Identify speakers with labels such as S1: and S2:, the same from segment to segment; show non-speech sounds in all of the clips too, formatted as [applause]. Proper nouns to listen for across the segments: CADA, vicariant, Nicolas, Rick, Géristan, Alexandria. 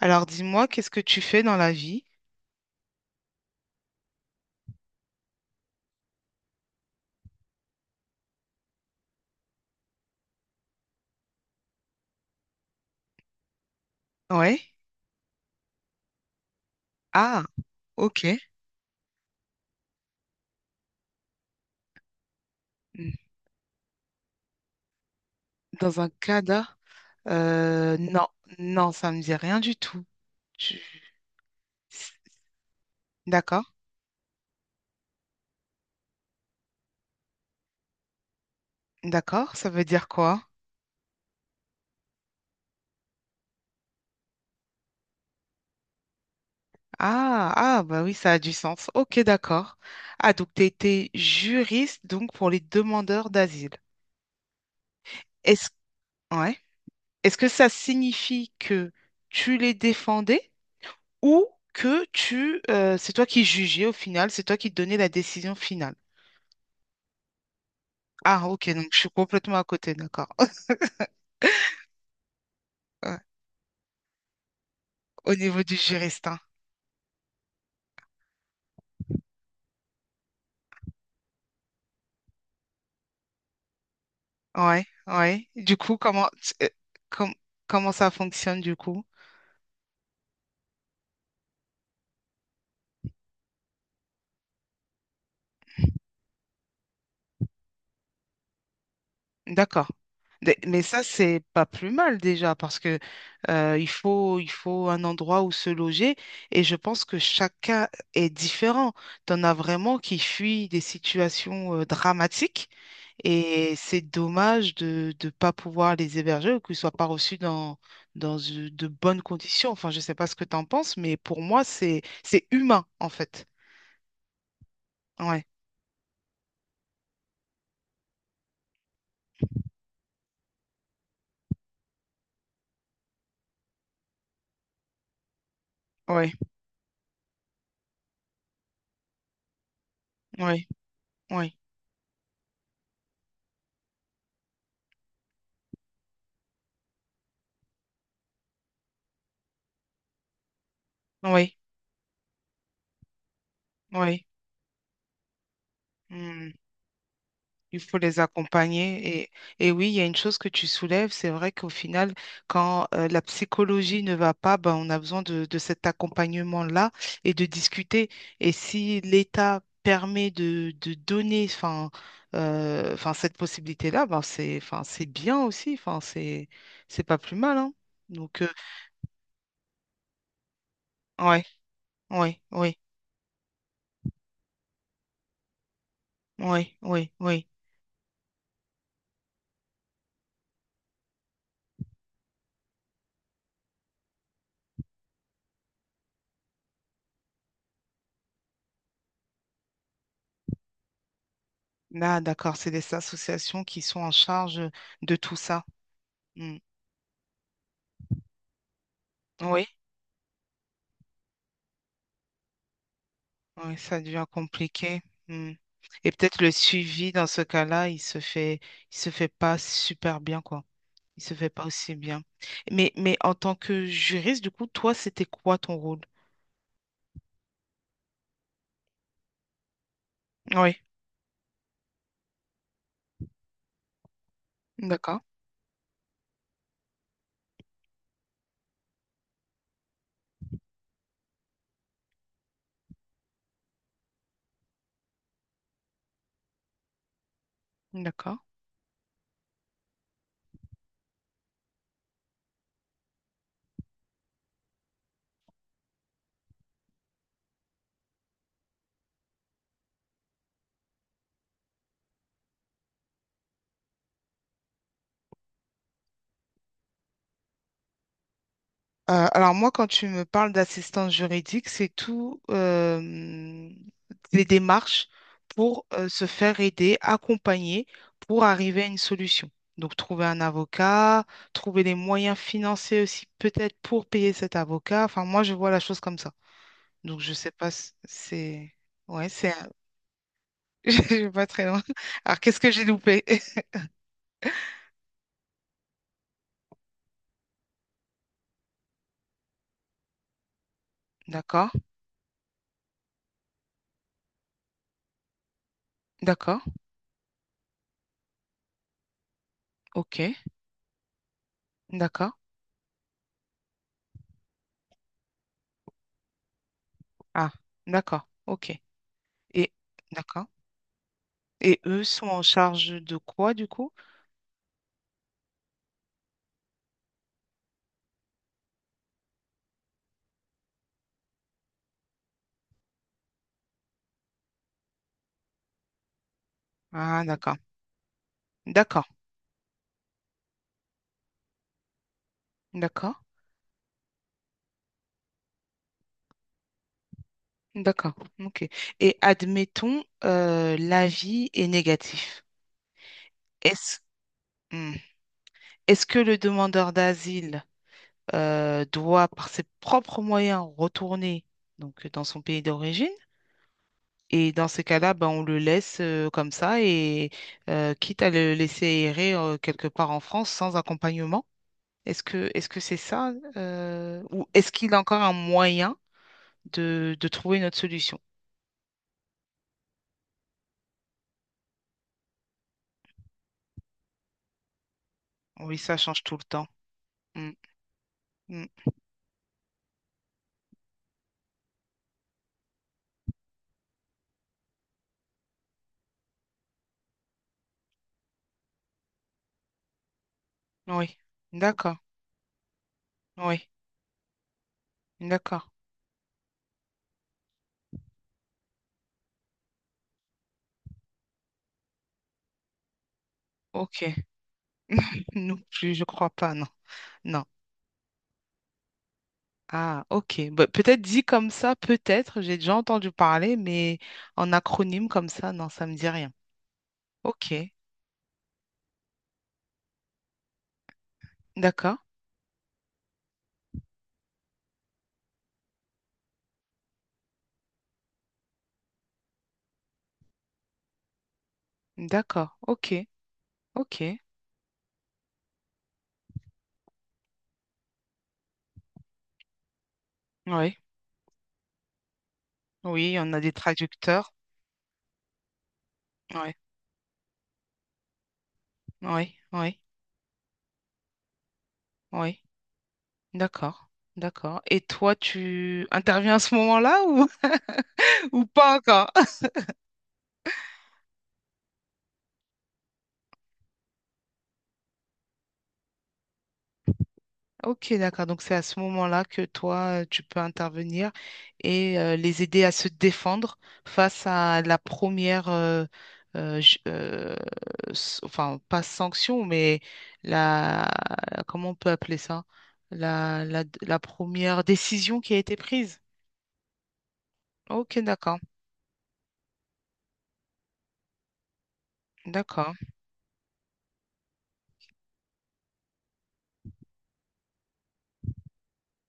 S1: Alors dis-moi, qu'est-ce que tu fais dans la vie? Ouais. Ah, ok. Hmm. Dans un CADA? Euh, non, non, ça me dit rien du tout. Je- D'accord, d'accord, ça veut dire quoi? Ah, ah, bah oui, ça a du sens. Ok, d'accord. Ah, donc tu étais juriste donc pour les demandeurs d'asile. Est-ce ouais. Est-ce que ça signifie que tu les défendais ou que tu c'est toi qui jugeais au final, c'est toi qui donnais la décision finale? Ah, ok, donc je suis complètement à côté, d'accord. [laughs] Ouais, au niveau du Géristan. Ouais, ouais. Du coup, comment, euh, com- comment ça fonctionne du coup? D'accord. Mais ça, c'est pas plus mal déjà parce que il faut un endroit où se loger et je pense que chacun est différent. T'en as vraiment qui fuient des situations dramatiques et c'est dommage de ne pas pouvoir les héberger ou qu'ils soient pas reçus dans, dans de bonnes conditions. Enfin, je sais pas ce que t'en penses, mais pour moi, c'est humain en fait. Ouais, ouais, ouais, ouais, ouais, ouais. Mmh. Il faut les accompagner. Et oui, il y a une chose que tu soulèves, c'est vrai qu'au final, quand la psychologie ne va pas, ben, on a besoin de cet accompagnement-là et de discuter. Et si l'État permet de donner enfin, enfin, cette possibilité-là, ben, c'est, enfin, c'est bien aussi, enfin, c'est pas plus mal, hein. Donc, ouais, ouais, ouais ouais ouais oui. Là, d'accord, c'est des associations qui sont en charge de tout ça. Mm. Oui. Ouais, ça devient compliqué. Mm. Et peut-être le suivi dans ce cas-là, il se fait pas super bien, quoi. Il se fait pas aussi bien. Mais en tant que juriste, du coup, toi, c'était quoi ton rôle? Oui, d'accord, d'accord. Alors moi, quand tu me parles d'assistance juridique, c'est tout les démarches pour se faire aider, accompagner pour arriver à une solution. Donc trouver un avocat, trouver les moyens financiers aussi peut-être pour payer cet avocat. Enfin moi, je vois la chose comme ça. Donc je sais pas, si c'est ouais, c'est un- [laughs] je vais pas très loin. Alors qu'est-ce que j'ai loupé? [laughs] D'accord, d'accord, ok, d'accord. Ah, d'accord, ok. Et d'accord. Et eux sont en charge de quoi du coup? Ah, d'accord. D'accord. D'accord. D'accord. OK. Et admettons, l'avis est négatif. Est-ce hmm. Est-ce que le demandeur d'asile doit, par ses propres moyens, retourner donc, dans son pays d'origine? Et dans ces cas-là, ben, on le laisse comme ça et quitte à le laisser errer quelque part en France sans accompagnement. Est-ce que c'est ça ou est-ce qu'il a encore un moyen? De trouver une autre solution. Oui, ça change tout le temps. Mm, mm. Oui, d'accord. Oui, d'accord. Ok. [laughs] Non plus, je crois pas, non. Non. Ah, ok. Bah, peut-être dit comme ça, peut-être, j'ai déjà entendu parler, mais en acronyme comme ça, non, ça me dit rien. Ok. D'accord. D'accord. Ok. Ok. Oui. Oui, on a des traducteurs. Oui. Oui. Oui. Oui. D'accord. D'accord. Et toi, tu interviens à ce moment-là ou, [laughs] ou pas encore? Ok, d'accord. Donc c'est à ce moment-là que toi, tu peux intervenir et les aider à se défendre face à la première, euh, ju- euh, enfin pas sanction, mais la, comment on peut appeler ça? La première décision qui a été prise. Ok, d'accord, d'accord.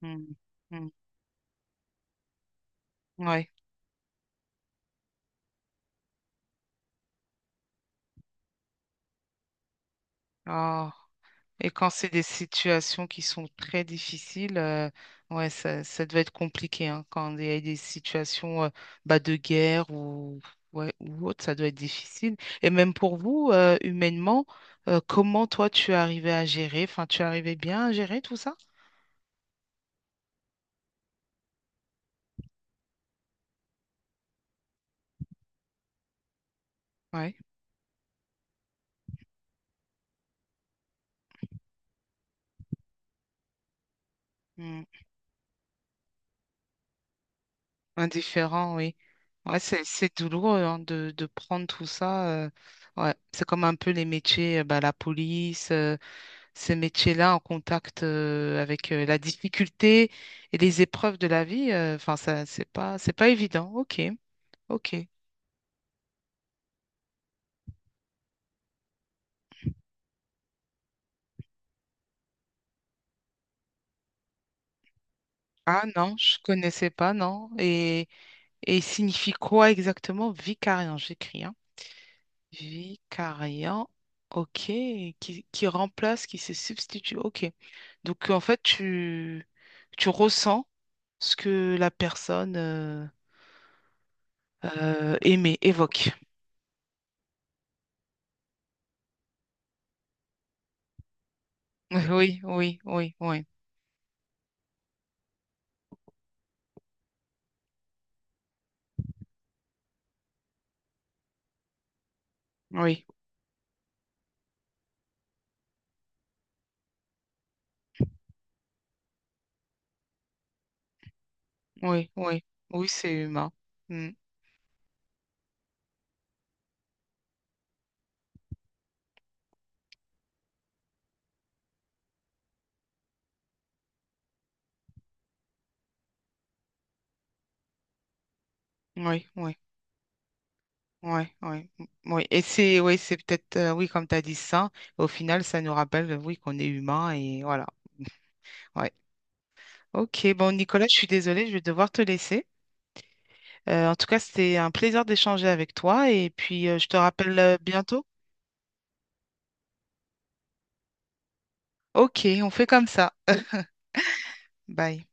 S1: Hmm, hmm, ouais. Ah. Et quand c'est des situations qui sont très difficiles, ouais, ça doit être compliqué, hein. Quand il y a des situations bah, de guerre ou, ouais, ou autre, ça doit être difficile. Et même pour vous, humainement, comment toi tu arrivais à gérer? Enfin, tu arrivais bien à gérer tout ça? Ouais. Mm. Indifférent, oui. Ouais, c'est douloureux hein, de prendre tout ça. Ouais. C'est comme un peu les métiers, bah, la police. Ce métier-là en contact avec la difficulté et les épreuves de la vie, enfin ça c'est pas évident. Ok, ok. Ah non, je connaissais pas, non. Et il signifie quoi exactement vicariant? J'écris, hein. Vicariant, ok, qui remplace, qui se substitue, ok. Donc en fait, tu ressens ce que la personne aimée évoque. [laughs] Oui, oui, oui, oui, oui. Oui, oui, oui, c'est humain. Mm. Oui, oui, oui, oui, mm, oui. Et c'est, oui, c'est peut-être, oui, comme tu as dit ça, au final, ça nous rappelle, oui, qu'on est humain et voilà. Mmh. Ouais. Ok, bon, Nicolas, je suis désolée, je vais devoir te laisser. En tout cas, c'était un plaisir d'échanger avec toi et puis je te rappelle bientôt. Ok, on fait comme ça. Bye.